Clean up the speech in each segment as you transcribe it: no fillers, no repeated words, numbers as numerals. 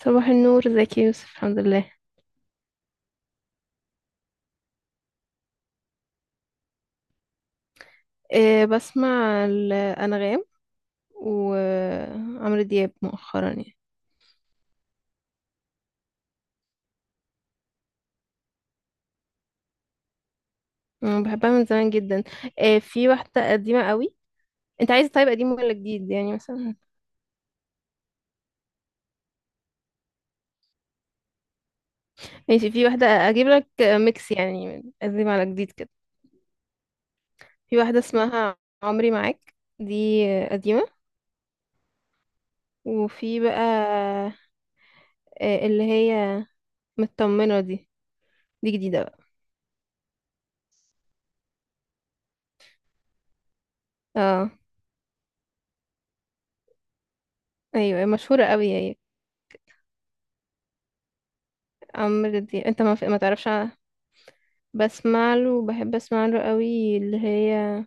صباح النور، ازيك يا يوسف؟ الحمد لله. أه، بسمع الأنغام وعمرو دياب مؤخرا يعني. أنا بحبها من زمان جدا. أه في واحدة قديمة قوي. انت عايز طيب قديم ولا جديد، يعني مثلا؟ ماشي، في واحدة اجيب لك ميكس يعني من قديم على جديد كده. في واحدة اسمها عمري معاك، دي قديمة. وفي بقى اللي هي مطمنة دي، دي جديدة بقى. اه، ايوه مشهورة قوي هي. عمرو دياب انت ما تعرفش. بسمع له وبحب اسمع له قوي، اللي هي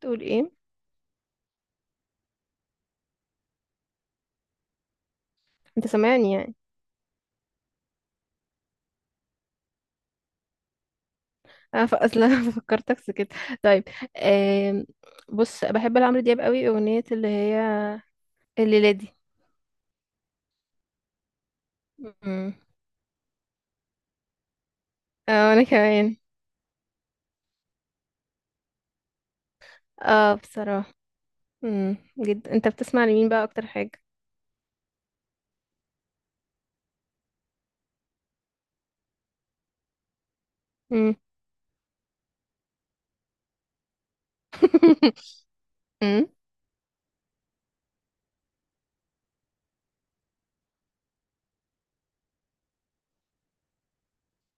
تقول ايه. انت سامعني يعني؟ انا اصلا فكرتك سكت. طيب. آم، بص بحب لعمرو دياب قوي اغنية اللي هي الليلة دي. مم. اه، وانا كمان. اه، بصراحة. جدا. انت بتسمع لمين بقى اكتر حاجة؟ مم. مم.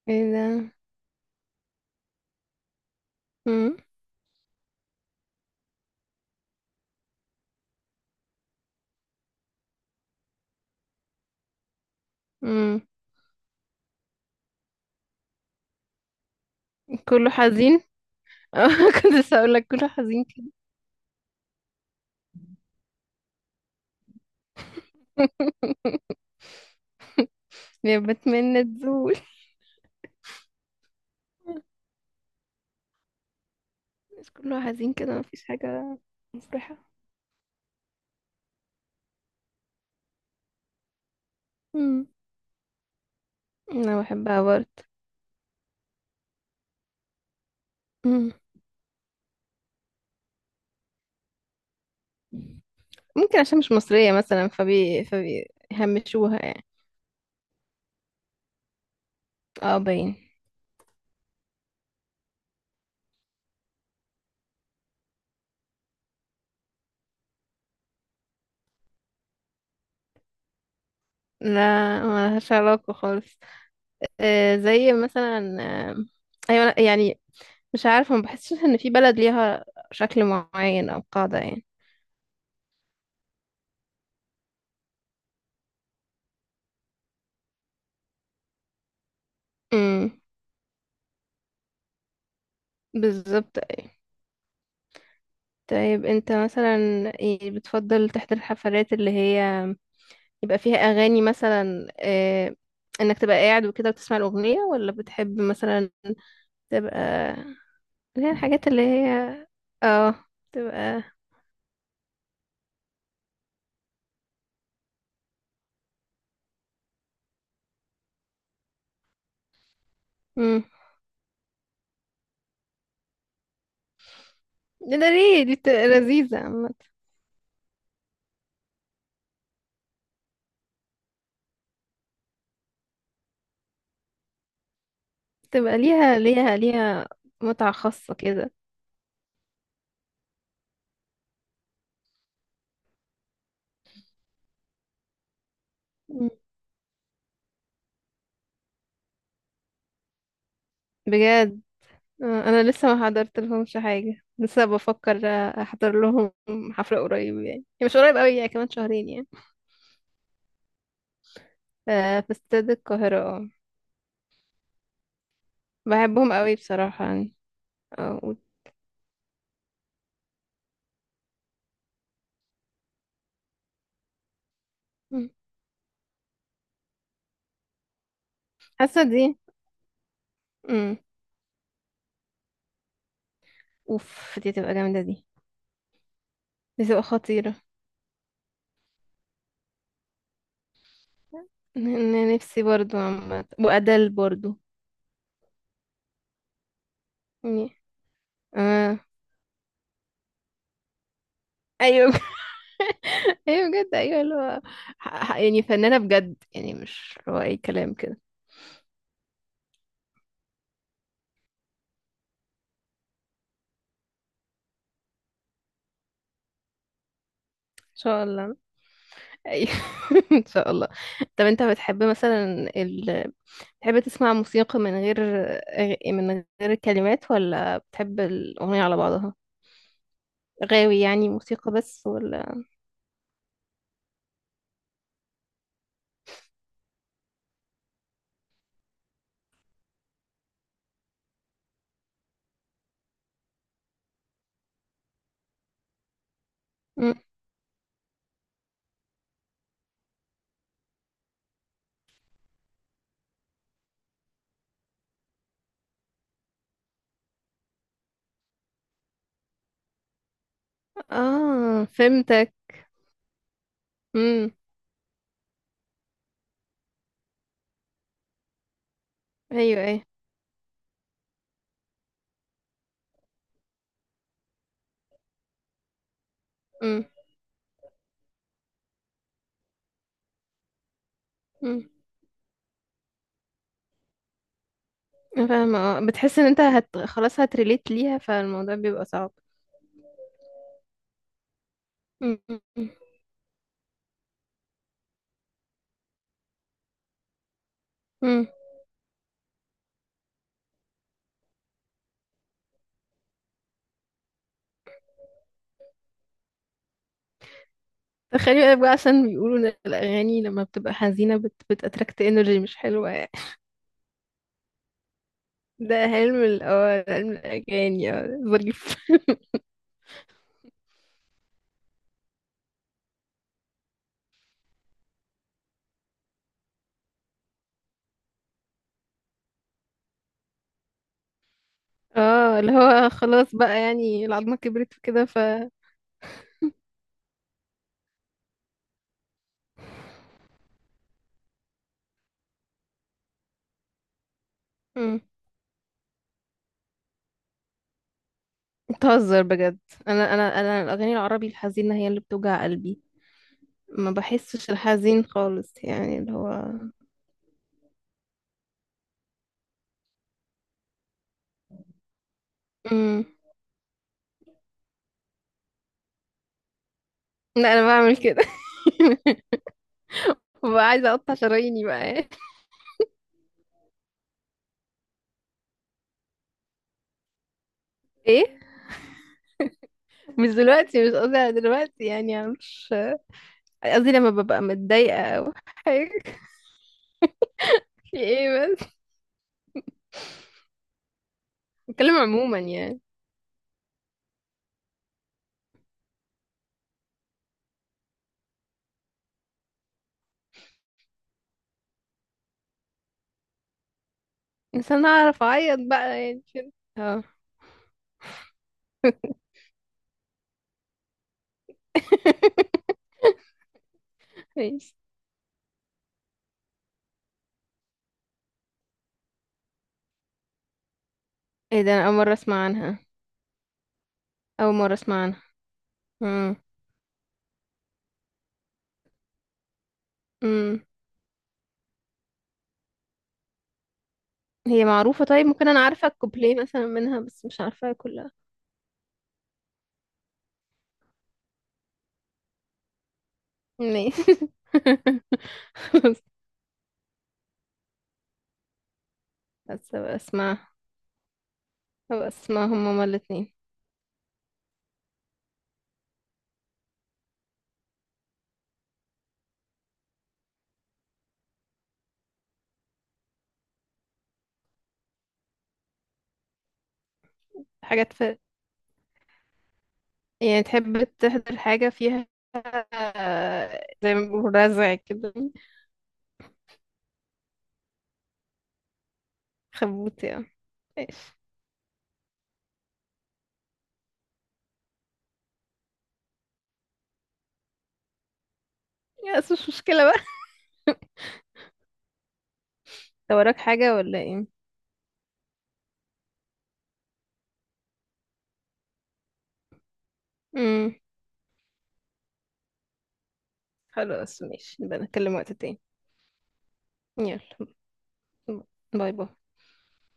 ايه ده؟ مم. مم. كله حزين. اه، كنت لسه هقول لك كله حزين كده. يا بتمنى تزول. بس كله حزين كده، مفيش حاجة مفرحة. مم. انا بحبها برضه. مم. ممكن عشان مش مصرية مثلا، فبيهمشوها يعني. اه، باين. لا، ملهاش علاقة خالص. آه زي مثلا. آه. ايوه، لأ، يعني مش عارفة، ما بحسش ان في بلد ليها شكل معين او قاعدة يعني. امم، بالظبط أيوة. طيب انت مثلا، ايه بتفضل تحضر الحفلات اللي هي يبقى فيها اغاني مثلا، انك تبقى قاعد وكده وتسمع الاغنيه، ولا بتحب مثلا تبقى اللي هي الحاجات اللي هي اه تبقى. امم. ده ليه؟ دي بتبقى لذيذه عامه. تبقى ليها متعه خاصه كده. مم. بجد. انا لسه ما حضرت لهمش حاجه، لسه بفكر احضر لهم حفله قريب. يعني هي مش قريب قوي يعني، كمان شهرين يعني. ف- في استاد القاهره. اه بحبهم قوي بصراحه يعني. اه مم. حاسه دي. امم. اوف، دي تبقى جامدة دي. دي تبقى خطيرة. انا نفسي برضو، عامة، وأدل برضو. يعني- اه، ايوه ايوه بجد، ايوه اللي هو يعني فنانة بجد يعني، مش هو اي كلام كده. ان شاء الله. ايوه ان شاء الله. طب انت بتحب مثلا ال... بتحب تسمع موسيقى من غير من غير كلمات، ولا بتحب الأغنية على بعضها؟ غاوي يعني موسيقى بس، ولا؟ مم. اه، فهمتك. امم. ايوه ايوه. امم امم. أنا فاهمة. اه بتحس ان انت هت... خلاص هتريليت ليها، فالموضوع بيبقى صعب. امم امم. تخيلي بقى عشان بيقولوا ان الاغاني لما بتبقى حزينة بت... بتأتراكت انرجي مش حلوة يعني. ده علم ال اه علم الاغاني، اه ظريف اه اللي هو خلاص بقى يعني، العظمة كبرت وكده ف. امم. بتهزر بجد. انا الاغاني العربي الحزينة هي اللي بتوجع قلبي. ما بحسش الحزين خالص يعني اللي هو. امم. لا، انا بعمل كده ببقى عايزة اقطع شراييني بقى ايه؟ مش دلوقتي، مش قصدي على دلوقتي، يعني أنا مش قصدي. لما ببقى متضايقة حاجة في ايه؟ بس، بتكلم عموما يعني. بس انا اعرف اعيط بقى يعني كده. اه. ماشي. ايه ده؟ انا اول مرة اسمع عنها. اول مرة اسمع عنها. امم. امم. هي معروفة طيب؟ ممكن انا عارفة الكوبليه مثلا منها، بس مش عارفاها كلها. ماشي. بس. بس أبقى اسمع. هبقى اسمعهم هما الاتنين. حاجات في، يعني تحب تحضر حاجة فيها، زي ما بيقولوا رزع كده. خبوط يعني. ماشي. يا بس مش مشكلة بقى. انت وراك حاجة ولا ايه؟ امم، خلاص ماشي، نبقى نتكلم وقت تاني. يلا. باي باي.